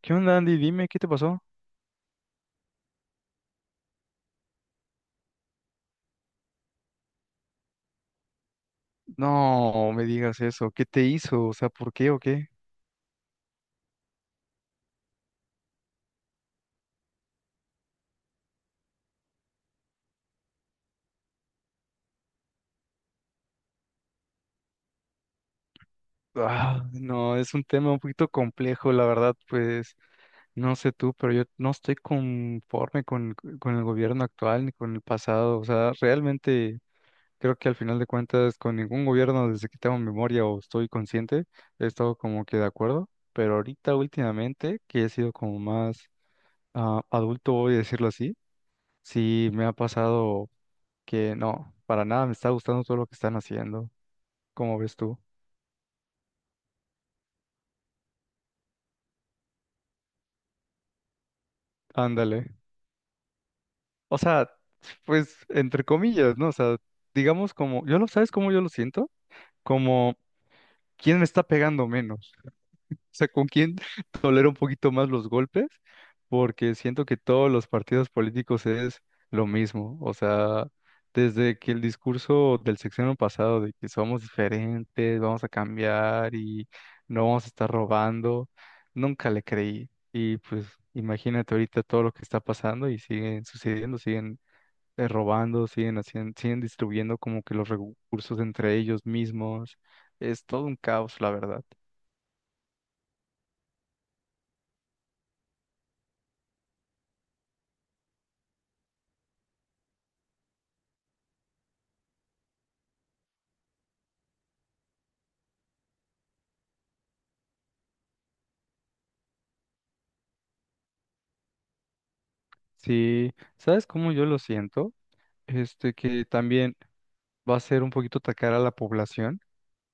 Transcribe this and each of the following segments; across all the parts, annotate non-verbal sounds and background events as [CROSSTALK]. ¿Qué onda, Andy? Dime, ¿qué te pasó? No, me digas eso. ¿Qué te hizo? O sea, ¿por qué o qué? Ah, no, es un tema un poquito complejo, la verdad, pues no sé tú, pero yo no estoy conforme con el gobierno actual ni con el pasado. O sea, realmente creo que al final de cuentas con ningún gobierno desde que tengo memoria o estoy consciente he estado como que de acuerdo, pero ahorita últimamente que he sido como más adulto, voy a decirlo así, sí me ha pasado, que no, para nada me está gustando todo lo que están haciendo, como ves tú. Ándale. O sea, pues entre comillas, ¿no? O sea, digamos como, yo lo, ¿sabes cómo yo lo siento? Como, ¿quién me está pegando menos? Sea, con quién [LAUGHS] tolero un poquito más los golpes, porque siento que todos los partidos políticos es lo mismo. O sea, desde que el discurso del sexenio pasado de que somos diferentes, vamos a cambiar y no vamos a estar robando, nunca le creí. Y pues imagínate ahorita todo lo que está pasando y siguen sucediendo, siguen robando, siguen haciendo, siguen distribuyendo como que los recursos entre ellos mismos. Es todo un caos, la verdad. Sí, ¿sabes cómo yo lo siento? Este que también va a ser un poquito atacar a la población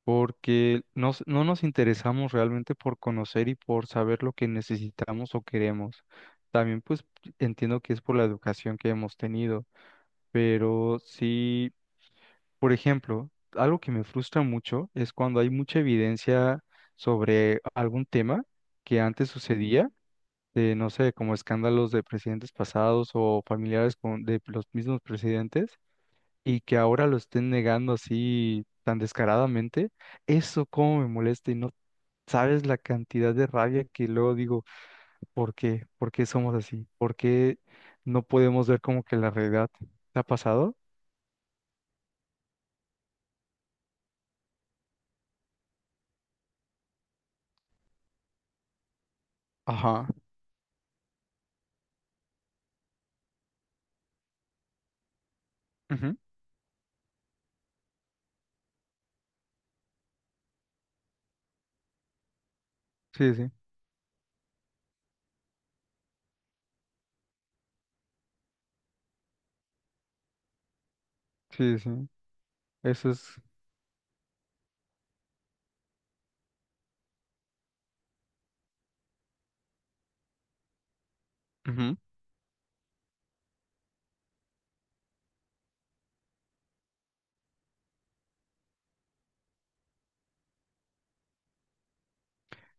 porque no nos interesamos realmente por conocer y por saber lo que necesitamos o queremos. También pues entiendo que es por la educación que hemos tenido, pero sí, por ejemplo, algo que me frustra mucho es cuando hay mucha evidencia sobre algún tema que antes sucedía de, no sé, como escándalos de presidentes pasados o familiares de los mismos presidentes y que ahora lo estén negando así tan descaradamente, eso cómo me molesta y no sabes la cantidad de rabia que luego digo, ¿por qué? ¿Por qué somos así? ¿Por qué no podemos ver como que la realidad te ha pasado? Ajá. Ujú. Sí, sí, sí, sí. Eso es, ujú,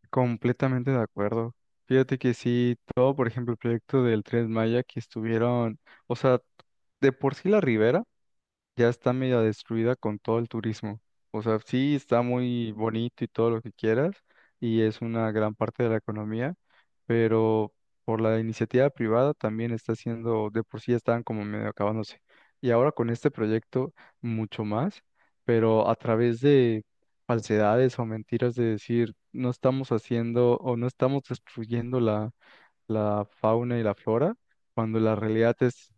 completamente de acuerdo. Fíjate que sí, todo, por ejemplo, el proyecto del Tren Maya que estuvieron, o sea, de por sí la ribera ya está medio destruida con todo el turismo. O sea, sí está muy bonito y todo lo que quieras, y es una gran parte de la economía, pero por la iniciativa privada también está siendo, de por sí ya estaban como medio acabándose. Y ahora con este proyecto mucho más, pero a través de falsedades o mentiras de decir no estamos haciendo o no estamos destruyendo la fauna y la flora, cuando la realidad es,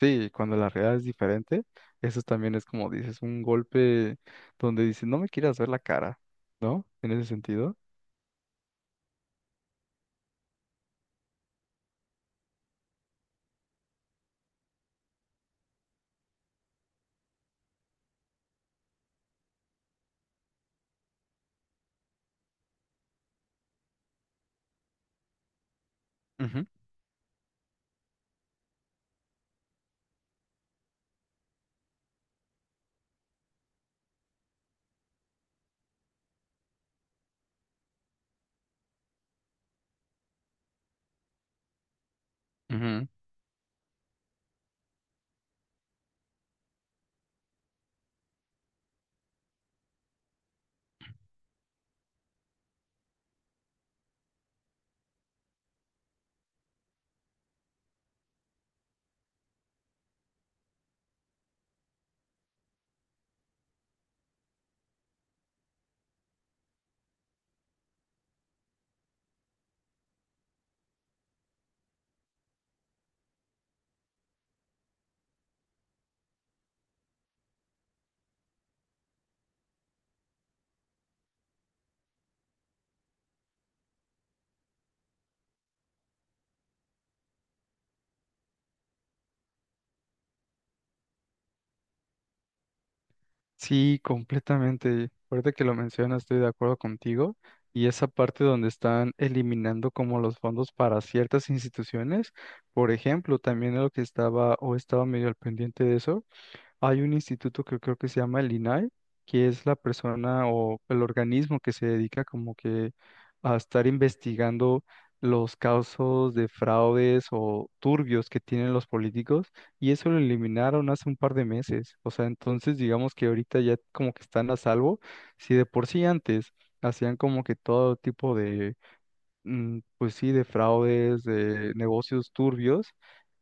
sí, cuando la realidad es diferente, eso también es como dices, un golpe donde dices, no me quieras ver la cara, ¿no? En ese sentido. Ujú, ujú. Sí, completamente. Ahorita que lo mencionas, estoy de acuerdo contigo. Y esa parte donde están eliminando como los fondos para ciertas instituciones, por ejemplo, también lo que estaba o estaba medio al pendiente de eso, hay un instituto que creo que se llama el INAI, que es la persona o el organismo que se dedica como que a estar investigando los casos de fraudes o turbios que tienen los políticos y eso lo eliminaron hace un par de meses. O sea, entonces digamos que ahorita ya como que están a salvo. Si de por sí antes hacían como que todo tipo de pues sí, de fraudes, de negocios turbios,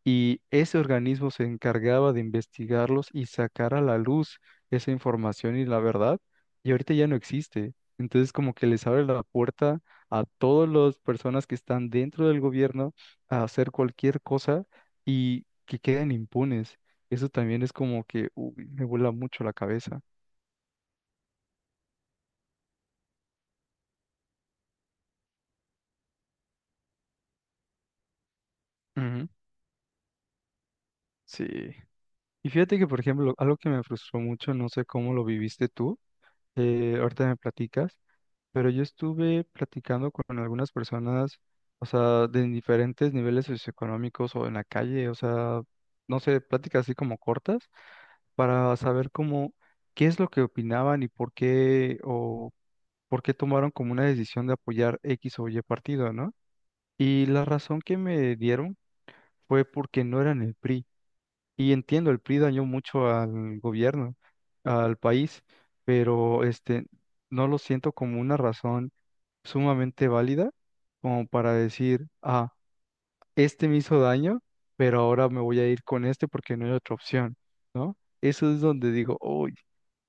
y ese organismo se encargaba de investigarlos y sacar a la luz esa información y la verdad, y ahorita ya no existe. Entonces como que les abre la puerta a todas las personas que están dentro del gobierno a hacer cualquier cosa y que queden impunes. Eso también es como que uy, me vuela mucho la cabeza. Ujú. Sí. Y fíjate que, por ejemplo, algo que me frustró mucho, no sé cómo lo viviste tú, ahorita me platicas, pero yo estuve platicando con algunas personas, o sea, de diferentes niveles socioeconómicos o en la calle, o sea, no sé, pláticas así como cortas, para saber cómo, qué es lo que opinaban y por qué, o por qué tomaron como una decisión de apoyar X o Y partido, ¿no? Y la razón que me dieron fue porque no eran el PRI. Y entiendo, el PRI dañó mucho al gobierno, al país, pero este, no lo siento como una razón sumamente válida como para decir, ah, este me hizo daño, pero ahora me voy a ir con este porque no hay otra opción, ¿no? Eso es donde digo, uy,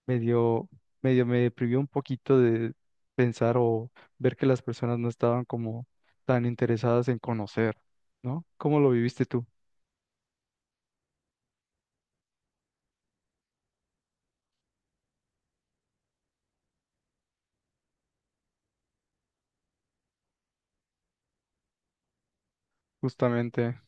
medio, medio me privió un poquito de pensar o ver que las personas no estaban como tan interesadas en conocer, ¿no? ¿Cómo lo viviste tú, justamente?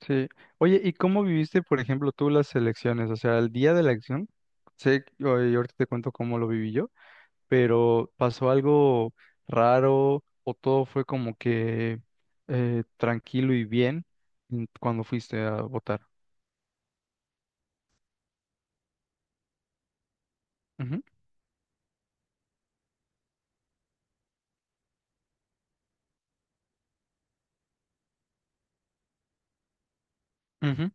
Sí. Oye, ¿y cómo viviste, por ejemplo, tú las elecciones? O sea, el día de la elección, sé, y ahorita te cuento cómo lo viví yo, pero ¿pasó algo raro o todo fue como que tranquilo y bien cuando fuiste a votar? Ujú, ujú.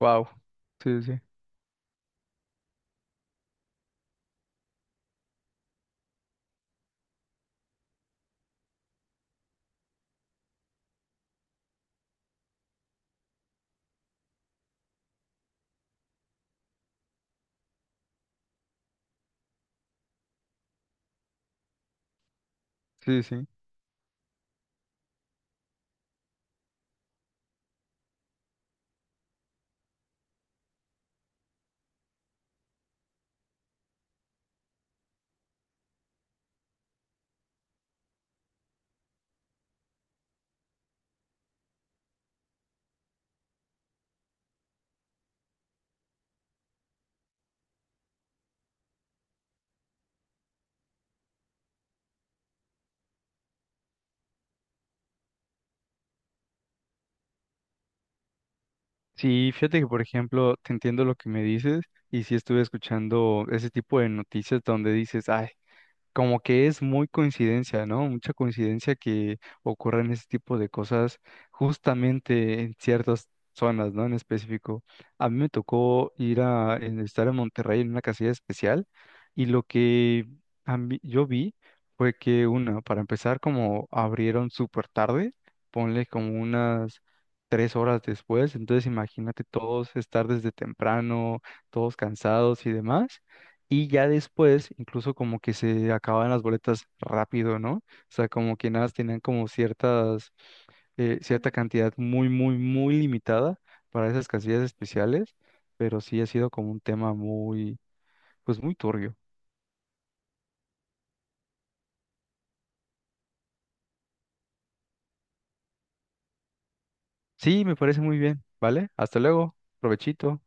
Wow. Sí, sí, sí, sí. Sí, fíjate que, por ejemplo, te entiendo lo que me dices y sí estuve escuchando ese tipo de noticias donde dices, ay, como que es muy coincidencia, ¿no? Mucha coincidencia que ocurran ese tipo de cosas justamente en ciertas zonas, ¿no? En específico. A mí me tocó ir a estar en Monterrey en una casilla especial y lo que yo vi fue que una, para empezar, como abrieron súper tarde, ponle como unas tres horas después, entonces imagínate todos estar desde temprano, todos cansados y demás. Y ya después, incluso como que se acababan las boletas rápido, ¿no? O sea, como que nada, más tenían como ciertas, cierta cantidad muy, muy, muy limitada para esas casillas especiales, pero sí ha sido como un tema muy, pues muy turbio. Sí, me parece muy bien, ¿vale? Hasta luego, provechito.